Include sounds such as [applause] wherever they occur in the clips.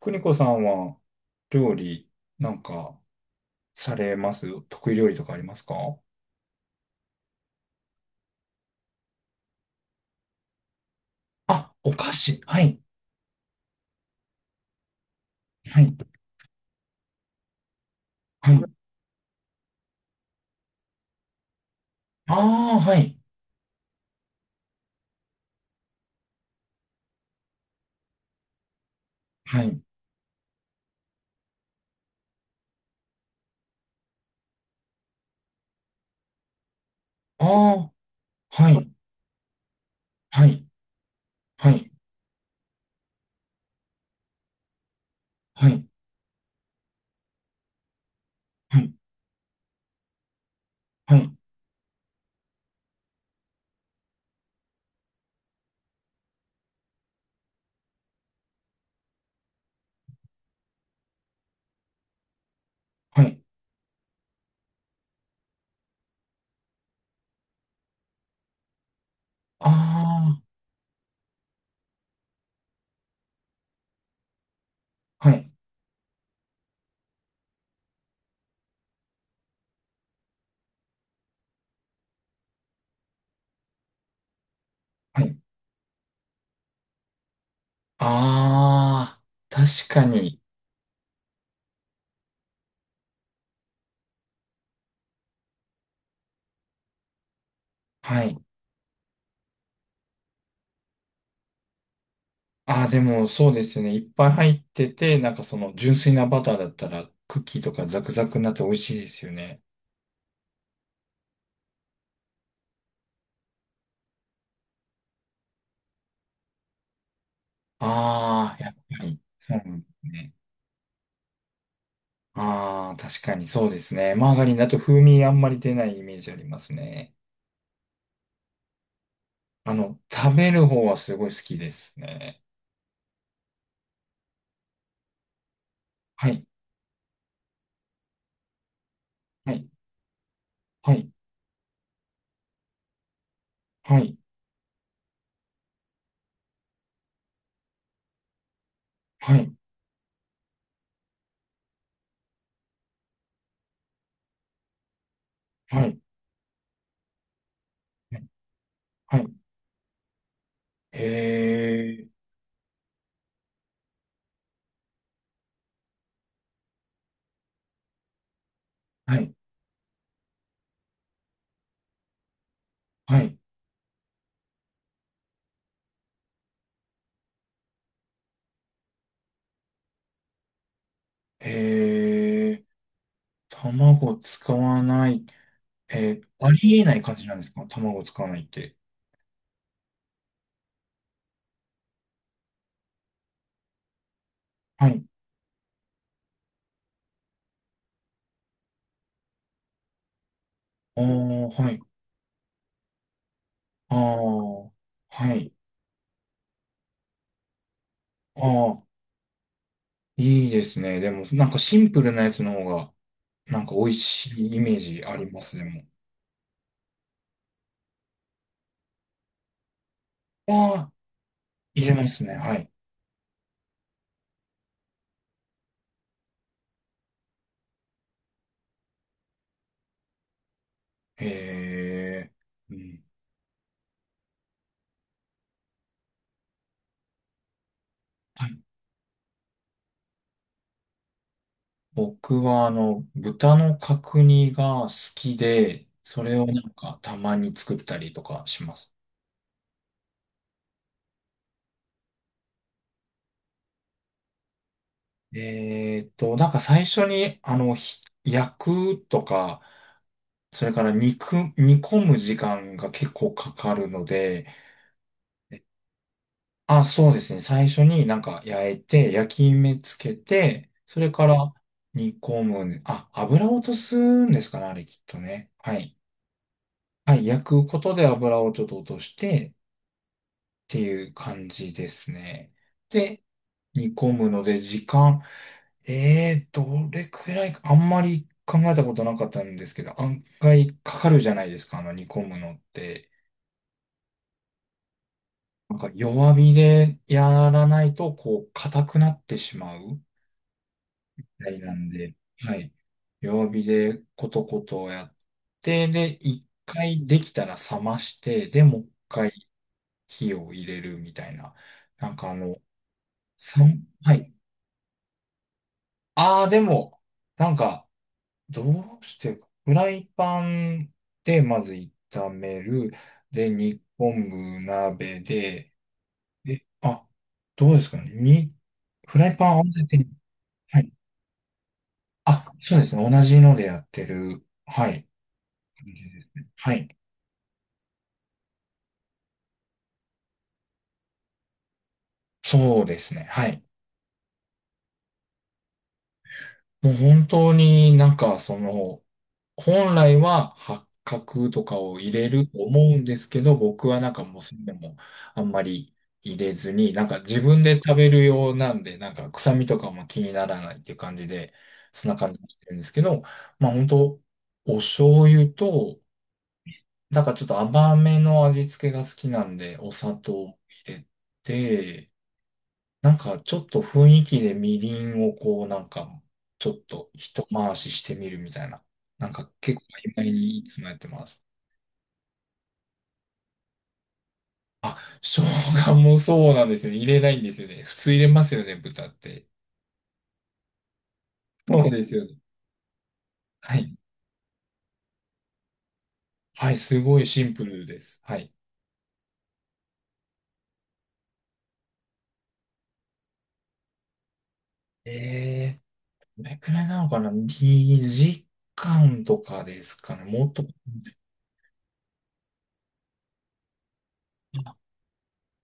邦子さんは料理なんかされます？得意料理とかありますか？あ、お菓子。はい。はい。はい。ああ、はい。はい。ああ、はい。はい。はい。はい。はい。はい。はい。ああ、はい。はい。ああ、確かに。はい。ああ、でもそうですよね。いっぱい入ってて、なんかその純粋なバターだったらクッキーとかザクザクになって美味しいですよね。ああ、やっぱり。そうですね。ああ、確かにそうですね。マーガリンだと風味あんまり出ないイメージありますね。食べる方はすごい好きですね。はい、はい、はい、はい、はい、はい、はい。へえ、はい、はい、へえ、卵使わない。ありえない感じなんですか？卵使わないって。はい、ああ、はい、ああ、はい、ああ、いいですね。でも、なんかシンプルなやつの方が、なんか美味しいイメージあります、でも。ああ、入れますね。はい。へえ。うん。はい。僕は、豚の角煮が好きで、それをなんかたまに作ったりとかします。なんか最初に、焼くとか、それから肉、煮込む時間が結構かかるので、あ、そうですね。最初になんか焼いて、焼き目つけて、それから煮込むね。あ、油を落とすんですかね、あれきっとね。はい。はい。焼くことで油をちょっと落としてっていう感じですね。で、煮込むので時間、どれくらいか、あんまり考えたことなかったんですけど、案外かかるじゃないですか、あの煮込むのって。なんか弱火でやらないと、こう、硬くなってしまう。たいなんで、はい。弱火でコトコトやって、で、一回できたら冷まして、で、もう一回火を入れるみたいな。なんか三、はい。ああ、でも、なんか、どうしてか、フライパンでまず炒める。で、煮込む鍋で、え、あ、どうですかね。に、フライパン合わせて、はい。あ、そうですね。同じのでやってる。はい。はい。そうですね。はい。もう本当になんかその、本来は八角とかを入れると思うんですけど、僕はなんかもうそれでもあんまり入れずに、なんか自分で食べるようなんで、なんか臭みとかも気にならないっていう感じで、そんな感じにしてるんですけど、まあ本当お醤油と、なんかちょっと甘めの味付けが好きなんで、お砂糖を入れて、なんかちょっと雰囲気でみりんをこうなんかちょっと一回ししてみるみたいな。なんか結構曖昧に考ってます。あ、生姜もそうなんですよね。入れないんですよね。普通入れますよね、豚って。そうですよね。はい。はい、すごいシンプルです。はい。えどれくらいなのかな？ 2 時間とかですかね。もっと、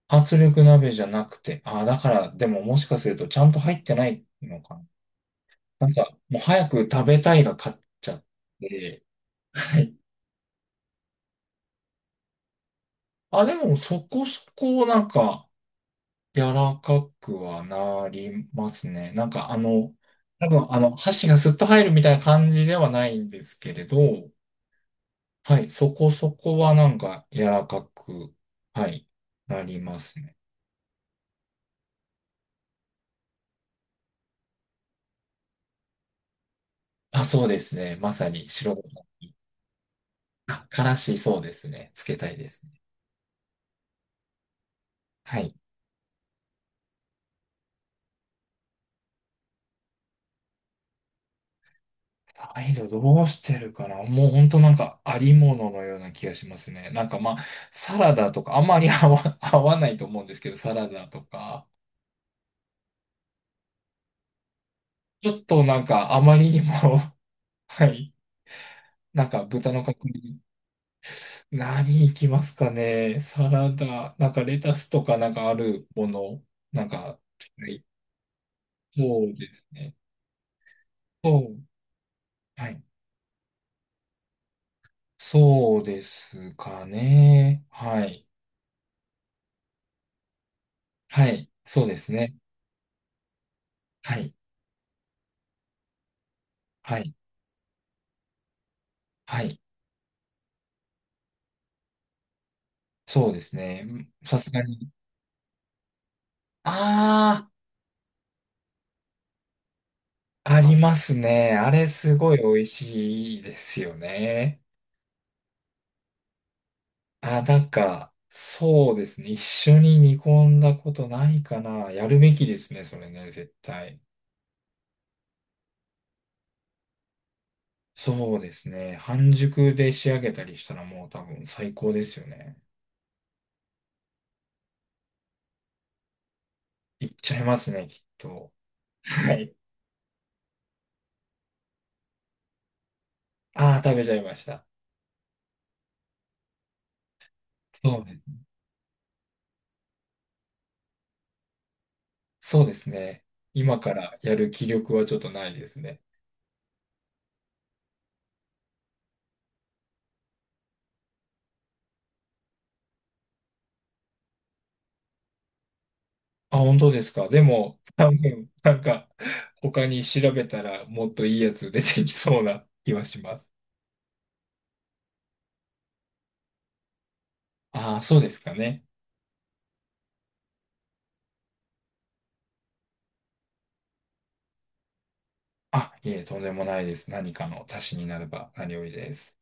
あ、圧力鍋じゃなくて。あ、だから、でももしかするとちゃんと入ってないのかな。なんか、もう早く食べたいが勝っちゃって、はい。あ、でもそこそこなんか、柔らかくはなりますね。なんか多分箸がスッと入るみたいな感じではないんですけれど、はい、そこそこはなんか柔らかく、はい、なりますね。あ、そうですね。まさに白ご飯。あ、からしそうですね。つけたいですね。はい。アイドどうしてるかな。もうほんとなんかありもののような気がしますね。なんかまあ、サラダとか、あんまり [laughs] 合わないと思うんですけど、サラダとか、ちょっとなんかあまりにも [laughs] はい。なんか豚の角煮。何いきますかね。サラダ、なんかレタスとかなんかあるもの、なんか、はい。そうですね。そう。はい。そうですかね。はい。はい。そうですね。はい。はい。はい。そうですね。さすがに。ああ、ありますね。あれすごい美味しいですよね。あ、なんか、そうですね。一緒に煮込んだことないかな。やるべきですね、それね、絶対。そうですね。半熟で仕上げたりしたらもう多分最高ですよね。いっちゃいますね、きっと。[laughs] はい。ああ、食べちゃいました。そうね、そうですね。今からやる気力はちょっとないですね。あ、本当ですか。でも、多分、なんか、他に調べたらもっといいやつ出てきそうな [laughs] 気はします。ああ、そうですかね。あ、いえ、とんでもないです。何かの足しになれば何よりです。